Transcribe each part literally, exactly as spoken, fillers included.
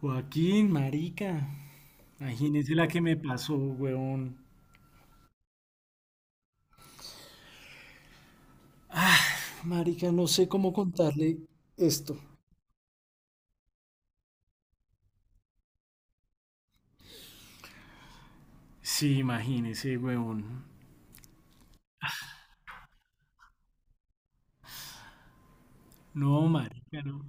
Joaquín, marica. Imagínese la que me pasó, weón. Marica, no sé cómo contarle esto. Sí, imagínese, weón. No, marica, no.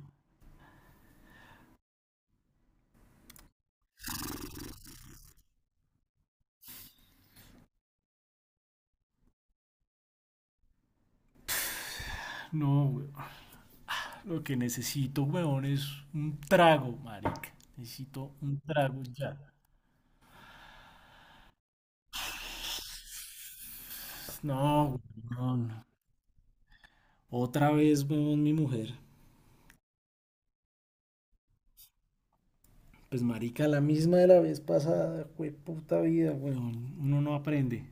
No, weón. Lo que necesito, weón, es un trago, marica. Necesito un trago ya. No, weón. Otra vez, weón, mi mujer. Pues, marica, la misma de la vez pasada, fue puta vida, weón. Uno no aprende.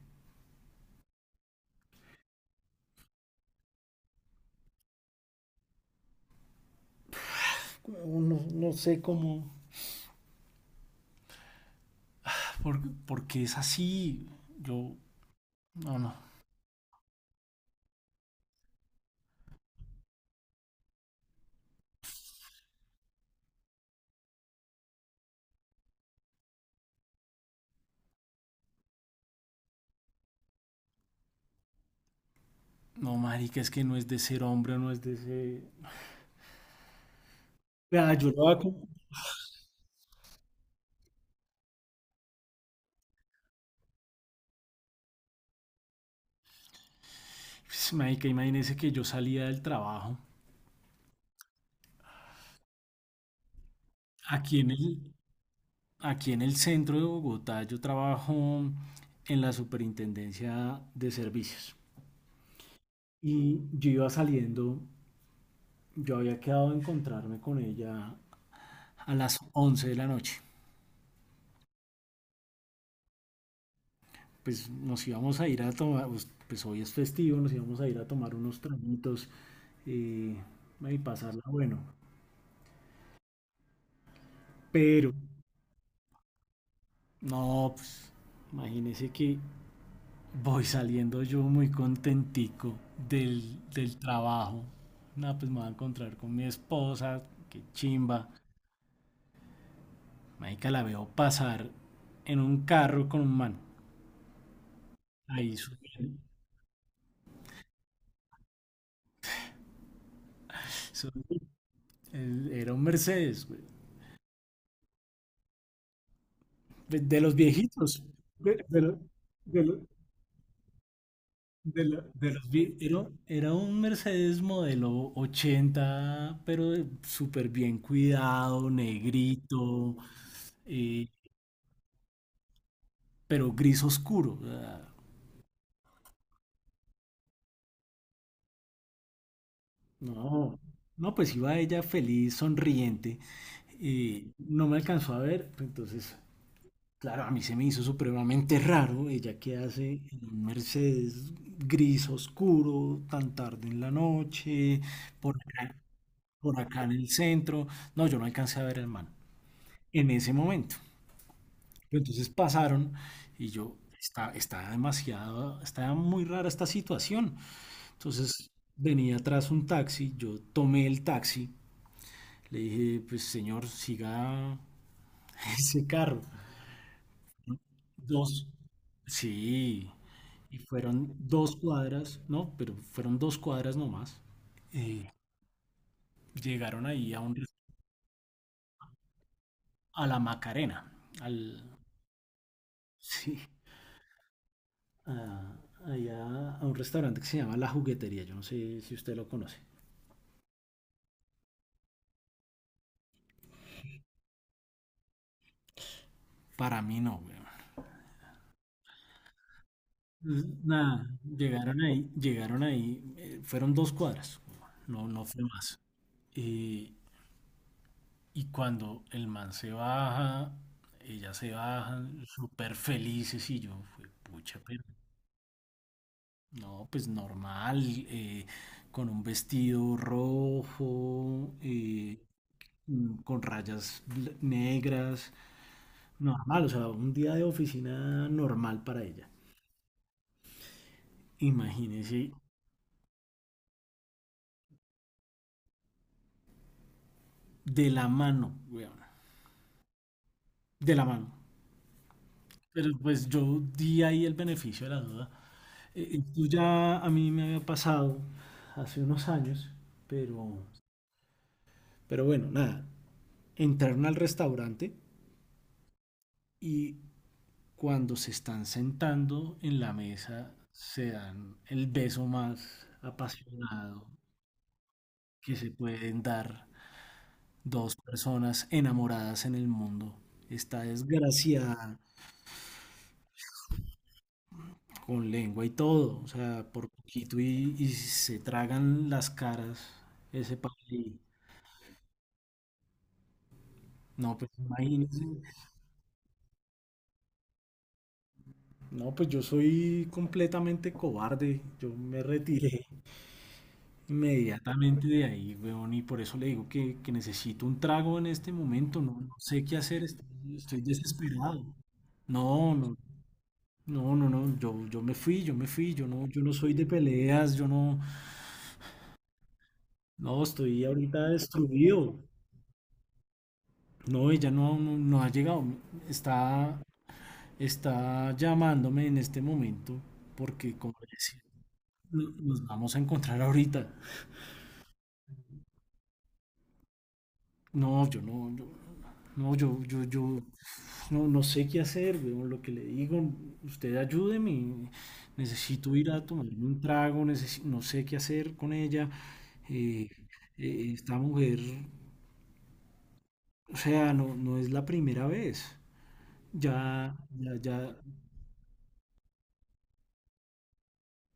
Uno no sé cómo. Por, porque es así. Yo, no, no. No, marica, es que no es de ser hombre, no es de ser. Vea, yo lo hago. Pues, marica, imagínese que yo salía del trabajo. Aquí en el, Aquí en el centro de Bogotá, yo trabajo en la Superintendencia de Servicios. Y yo iba saliendo, yo había quedado de encontrarme con ella a las once de la noche. Pues nos íbamos a ir a tomar, pues, pues hoy es festivo, nos íbamos a ir a tomar unos traguitos, eh, y pasarla bueno. Pero, no, pues, imagínese que voy saliendo yo muy contentico del, del trabajo. Nada, pues me voy a encontrar con mi esposa, qué chimba. Marica, la veo pasar en un carro con un man. Ahí su- su- el- era un Mercedes, güey. De, de los viejitos. De, de los, De, la- de los vi- era, era un Mercedes modelo ochenta, pero súper bien cuidado, negrito, eh, pero gris oscuro. O sea, no, no, pues iba ella feliz, sonriente, y no me alcanzó a ver. Entonces, claro, a mí se me hizo supremamente raro ella que hace en un Mercedes gris oscuro tan tarde en la noche, por acá, por acá en el centro. No, yo no alcancé a ver al man en ese momento. Pero entonces pasaron y yo, está, está demasiado, está muy rara esta situación. Entonces venía atrás un taxi, yo tomé el taxi, le dije, pues señor, siga ese carro. Dos, sí, y fueron dos cuadras, no, pero fueron dos cuadras nomás. Eh, Llegaron ahí a, un, a la Macarena, al, sí, a, allá a un restaurante que se llama La Juguetería. Yo no sé si usted lo conoce. Para mí no, weón. Entonces, nada, llegaron ahí, llegaron ahí, eh, fueron dos cuadras, no, no fue más. Eh, y cuando el man se baja, ella se baja, súper felices y yo, fue pucha, pero no, pues normal, eh, con un vestido rojo, eh, mm, con rayas bl- negras. Normal, o sea, un día de oficina normal para ella. Imagínese, de la mano, weón, de la mano. Pero pues yo di ahí el beneficio de la duda. Eh, esto ya a mí me había pasado hace unos años, pero, pero bueno, nada. Entraron al restaurante y cuando se están sentando en la mesa se dan el beso más apasionado que se pueden dar dos personas enamoradas en el mundo. Está desgraciada con lengua y todo. O sea, por poquito y, y se tragan las caras ese par. No, pues imagínense. No, pues yo soy completamente cobarde. Yo me retiré inmediatamente de ahí, weón. Y por eso le digo que, que necesito un trago en este momento. No, no sé qué hacer. Estoy, estoy desesperado. No, no, no, no, no, yo, yo me fui, yo me fui, yo no, yo no soy de peleas, yo no, no, estoy ahorita destruido. No, ella no, no, no ha llegado, está, está llamándome en este momento, porque como le decía, no- nos vamos a encontrar ahorita. No, yo no, yo, no, yo, yo, yo no, no sé qué hacer, weón. Lo que le digo, usted ayúdeme, y necesito ir a tomarme un trago, necesi- no sé qué hacer con ella. eh, eh, Esta mujer, o sea, no, no es la primera vez. Ya, ya, ya,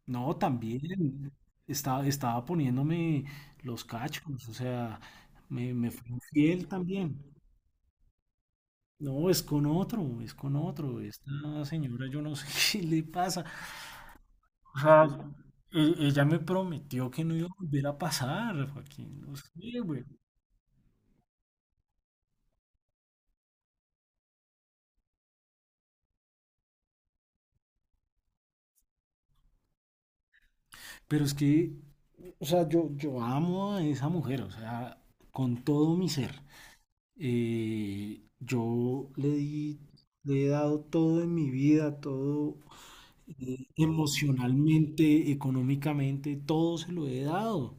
no, también estaba, estaba poniéndome los cachos, o sea, me, me fue infiel también. No, es con otro, es con otro. Esta señora, yo no sé qué le pasa. O sea, e- ella me prometió que no iba a volver a pasar, Joaquín. No sé, güey. Pero es que, o sea, yo, yo amo a esa mujer, o sea, con todo mi ser. Eh, yo le di, Le he dado todo en mi vida, todo eh, emocionalmente, económicamente, todo se lo he dado.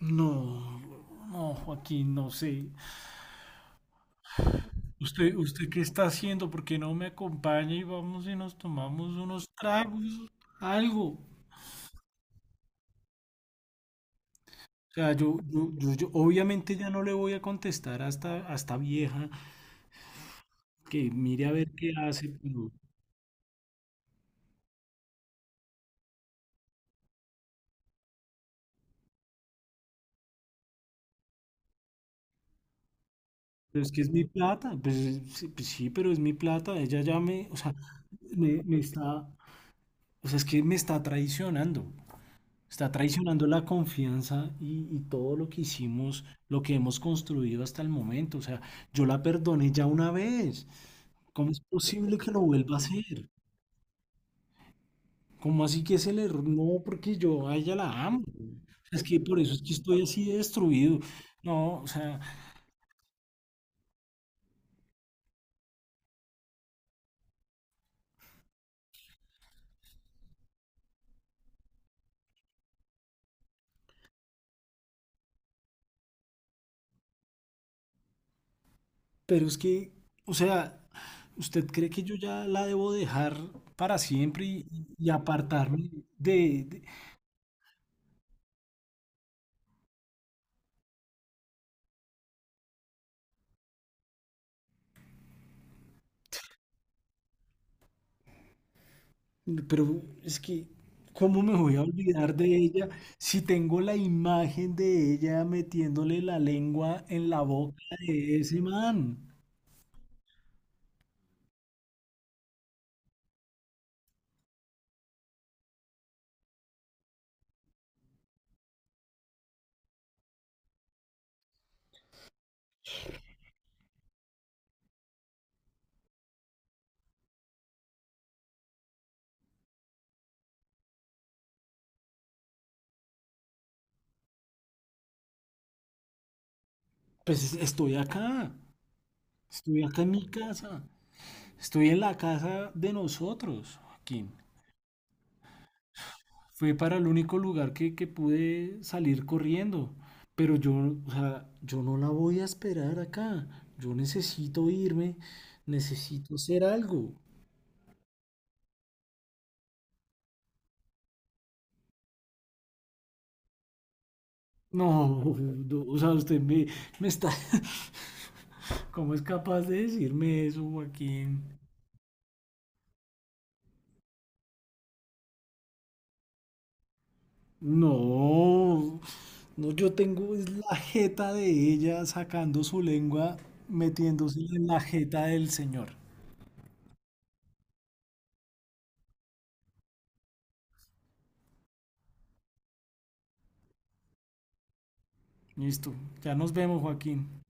No, no, Joaquín, no sé. ¿Usted, usted qué está haciendo? ¿Por qué no me acompaña y vamos y nos tomamos unos tragos, algo? O sea, yo, yo, yo, yo obviamente ya no le voy a contestar hasta, hasta vieja que mire a ver qué hace, pero, pero es que es mi plata, pues sí, pues sí, pero es mi plata, ella ya me, o sea, me, me está, o sea, es que me está traicionando, está traicionando la confianza y, y todo lo que hicimos, lo que hemos construido hasta el momento, o sea, yo la perdoné ya una vez. ¿Cómo es posible que lo vuelva a hacer? ¿Cómo así que es el error? No, porque yo a ella la amo. Es que por eso es que estoy así de destruido. No, o sea, pero es que, o sea, ¿usted cree que yo ya la debo dejar para siempre y, y apartarme de, de- Pero es que, ¿cómo me voy a olvidar de ella si tengo la imagen de ella metiéndole la lengua en la boca de ese man? Pues es- estoy acá. Estoy acá en mi casa. Estoy en la casa de nosotros, Joaquín. Fue para el único lugar que, que pude salir corriendo. Pero yo, o sea, yo no la voy a esperar acá. Yo necesito irme. Necesito hacer algo. No, no, o sea, usted me, me está... ¿Cómo es capaz de decirme eso, Joaquín? No, no, yo tengo es la jeta de ella sacando su lengua, metiéndose en la jeta del señor. Listo, ya nos vemos, Joaquín.